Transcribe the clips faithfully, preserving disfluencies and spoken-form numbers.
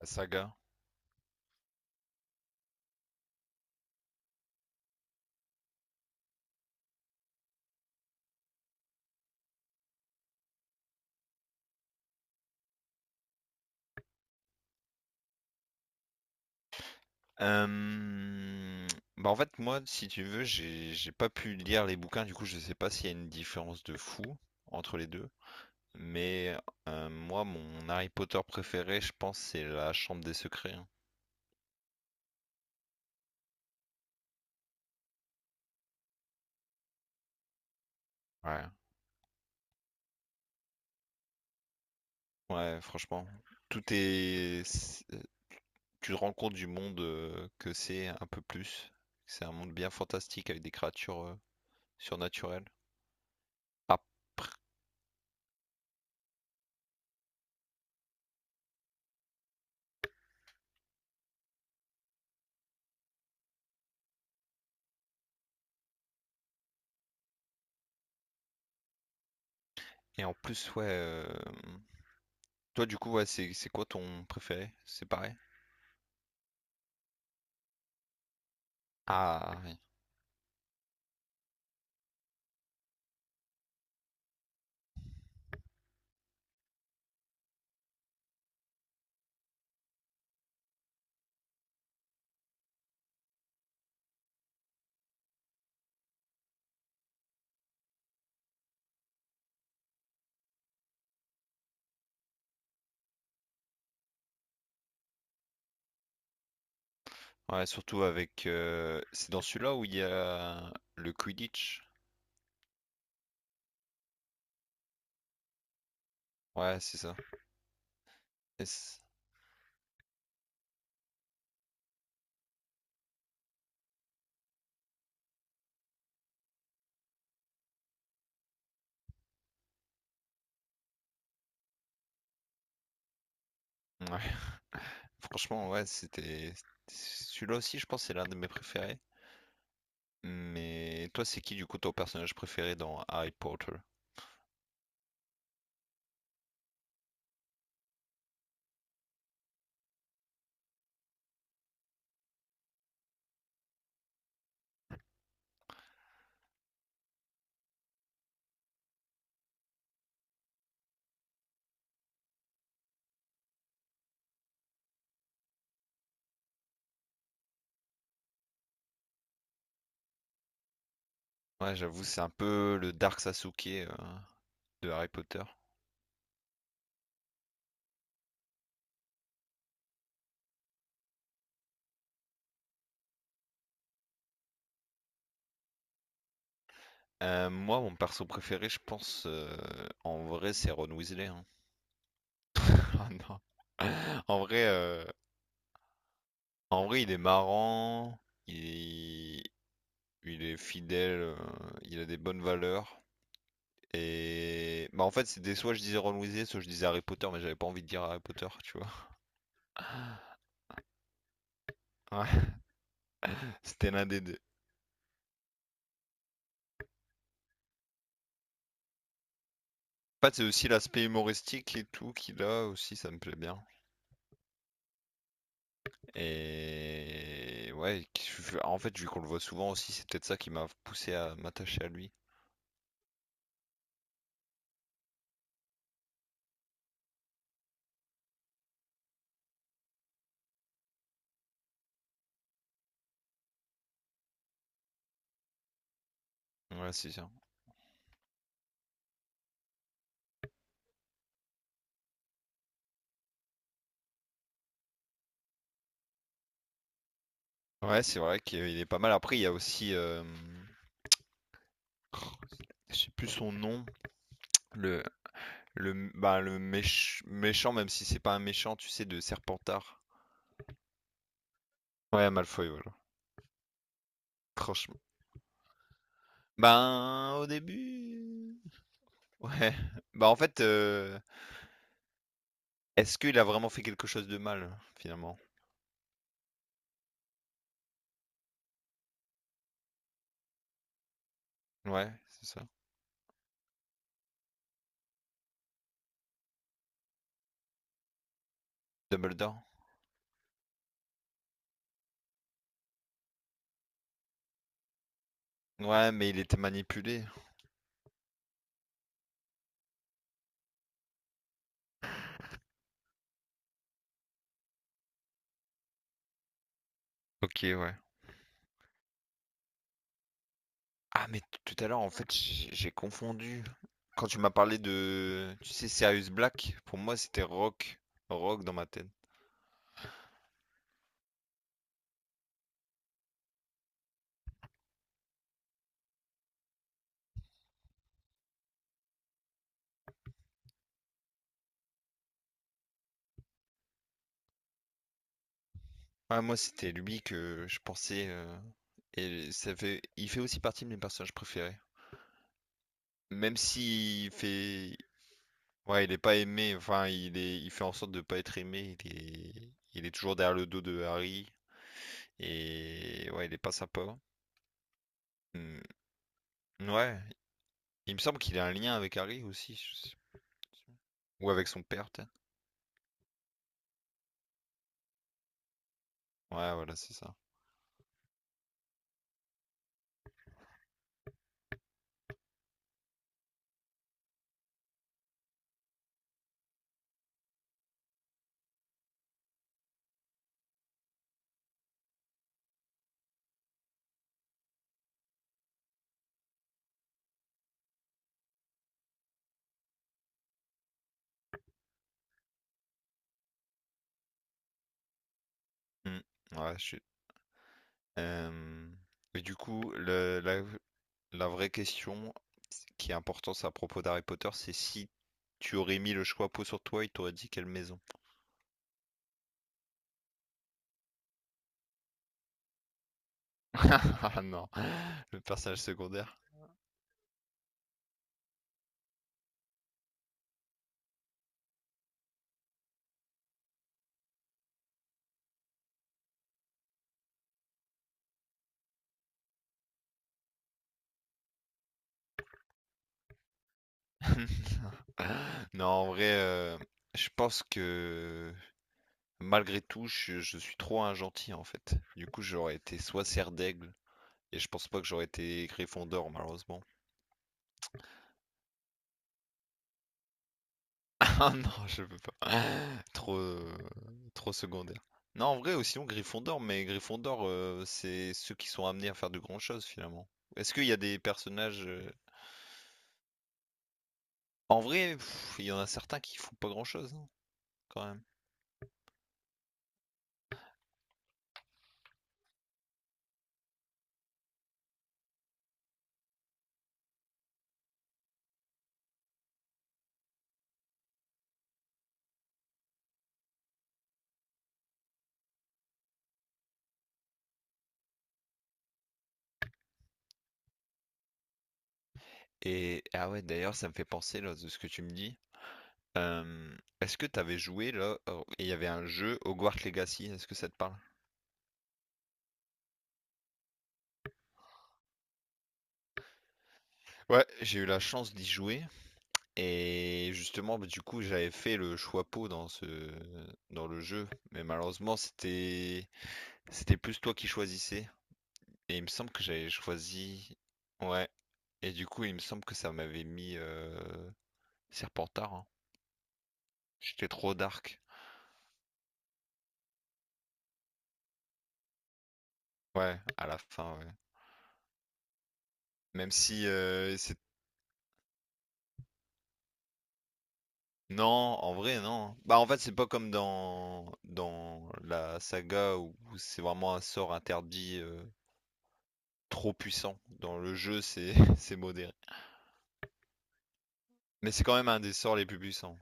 La saga. Euh, Bah en fait, moi, si tu veux, j'ai j'ai pas pu lire les bouquins, du coup, je sais pas s'il y a une différence de fou entre les deux. Mais euh, moi, mon Harry Potter préféré, je pense, c'est la Chambre des Secrets, hein. Ouais. Ouais, franchement, tout est. c'est- Tu te rends compte du monde euh, que c'est un peu plus. C'est un monde bien fantastique avec des créatures euh, surnaturelles. Ah, et en plus, ouais. euh, Toi, du coup, ouais, c'est c'est quoi ton préféré? C'est pareil? Ah oui. Ouais, surtout avec. Euh, C'est dans celui-là où il y a le Quidditch. Ouais, c'est ça. Et c'est- ouais. Franchement, ouais, c'était. Celui-là aussi, je pense, c'est l'un de mes préférés. Mais toi, c'est qui du coup ton personnage préféré dans Harry Potter? Ouais, j'avoue, c'est un peu le Dark Sasuke euh, de Harry Potter. Euh, moi, mon perso préféré, je pense, euh, en vrai, c'est Ron Weasley, hein. Ah non. En vrai, euh, en vrai, il est marrant. Il il est fidèle, euh, il a des bonnes valeurs. Et bah en fait c'était soit je disais Ron Weasley, soit je disais Harry Potter, mais j'avais pas envie de dire Harry Potter, tu vois. Ouais, c'était l'un des deux. En fait c'est aussi l'aspect humoristique et tout qu'il a aussi, ça me plaît bien. Et ouais, en fait vu qu'on le voit souvent aussi, c'est peut-être ça qui m'a poussé à m'attacher à lui. Ouais, c'est ça. Ouais, c'est vrai qu'il est pas mal. Après il y a aussi, euh, je sais plus son nom, le le, bah, le méch- méchant, même si c'est pas un méchant, tu sais, de Serpentard. Ouais, Malfoy, voilà. Franchement. Ben, au début. Ouais. Bah, en fait, euh, est-ce qu'il a vraiment fait quelque chose de mal, finalement? Ouais, c'est ça. Dumbledore. Ouais, mais il était manipulé. Ok, ouais. Ah, mais t- tout à l'heure, en fait, j- j'ai confondu. Quand tu m'as parlé de, tu sais, Sirius Black, pour moi, c'était Rock. Rock dans ma tête. Ah, moi, c'était lui que je pensais. Euh, et ça fait, il fait aussi partie de mes personnages préférés. Même s'il fait. Ouais, il est pas aimé. Enfin, il est, il fait en sorte de pas être aimé. Il est, il est toujours derrière le dos de Harry. Et ouais, il est pas sympa. Hmm. Ouais, il me semble qu'il a un lien avec Harry aussi, je sais plus. Ou avec son père, peut-être. Ouais, voilà, c'est ça. Hmm. Ouais, je suis. Euh, Et du coup, le, la- La vraie question qui est importante à propos d'Harry Potter, c'est si tu aurais mis le choix-peau sur toi, il t'aurait dit quelle maison? Ah non, le personnage secondaire. Non, en vrai, euh, je pense que malgré tout, je, je suis trop un gentil en fait. Du coup, j'aurais été soit Serre d'Aigle, et je pense pas que j'aurais été Gryffondor malheureusement. Ah non, je peux pas. Trop, euh, trop secondaire. Non, en vrai, aussi sinon Gryffondor, mais Gryffondor, euh, c'est ceux qui sont amenés à faire de grandes choses finalement. Est-ce qu'il y a des personnages... euh, En vrai, pff, il y en a certains qui font pas grand-chose, hein, quand même. Et ah ouais, d'ailleurs, ça me fait penser là de ce que tu me dis. Euh, est-ce que t'avais joué là? Oh, il y avait un jeu Hogwarts Legacy. Est-ce que ça te parle? Ouais, j'ai eu la chance d'y jouer et justement, bah, du coup, j'avais fait le choix peau dans ce dans le jeu, mais malheureusement, c'était c'était plus toi qui choisissais. Et il me semble que j'avais choisi. Ouais. Et du coup, il me semble que ça m'avait mis euh, Serpentard, hein. J'étais trop dark. Ouais, à la fin, ouais. Même si euh, Non, en vrai, non. Bah, en fait, c'est pas comme dans, dans la saga où, c'est vraiment un sort interdit euh, trop puissant. Dans le jeu, c'est c'est modéré. Mais c'est quand même un des sorts les plus puissants.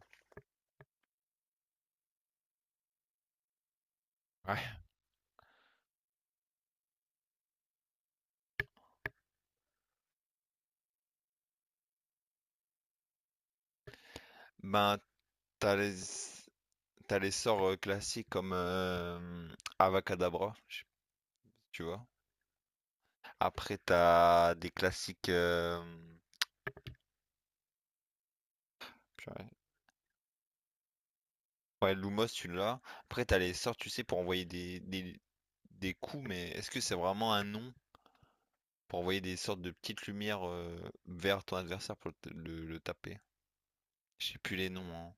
Ouais. Ben, t'as les, t'as les sorts euh, classiques comme euh, Avacadabra, je sais pas si tu vois. Après, t'as des classiques. Euh, purée. Ouais, Lumos, tu l'as. Après, t'as les sorts, tu sais, pour envoyer des, des, des coups, mais est-ce que c'est vraiment un nom? Pour envoyer des sortes de petites lumières euh, vers ton adversaire pour le, le- le taper. Je sais plus les noms, hein.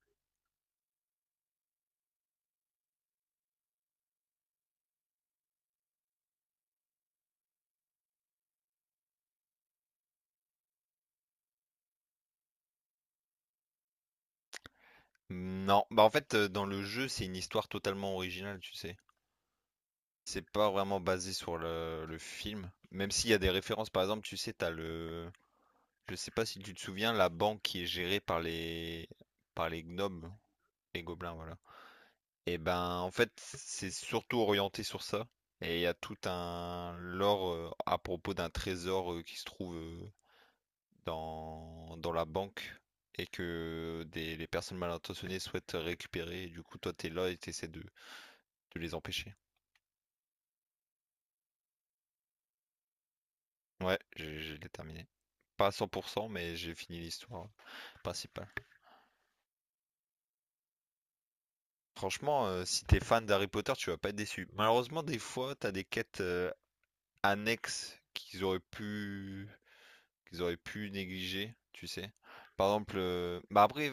Non, bah en fait, euh, dans le jeu, c'est une histoire totalement originale, tu sais. C'est pas vraiment basé sur le, le film. Même s'il y a des références, par exemple, tu sais, t'as le. Je sais pas si tu te souviens, la banque qui est gérée par les. Par les gnomes, les gobelins, voilà. Et ben, en fait, c'est surtout orienté sur ça. Et il y a tout un lore euh, à propos d'un trésor euh, qui se trouve euh, dans, dans la banque et que des, les personnes mal intentionnées souhaitent récupérer. Et du coup, toi, t'es là et t'essaies de, de les empêcher. Ouais, j'ai- je l'ai terminé. Pas à cent pour cent, mais j'ai fini l'histoire principale. Franchement, euh, si t'es fan d'Harry Potter, tu vas pas être déçu. Malheureusement, des fois, t'as des quêtes euh, annexes qu'ils auraient pu, qu'ils auraient pu négliger, tu sais. Par exemple, euh, bah après,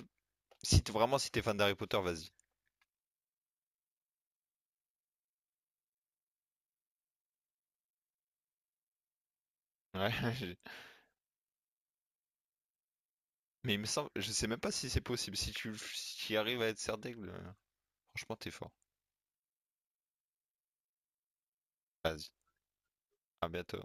si t- vraiment si t'es fan d'Harry Potter, vas-y. Ouais, je- Mais il me semble, je sais même pas si c'est possible. Si tu, si tu arrives à être serre d'aigle, euh, franchement, t'es fort. Vas-y, à bientôt.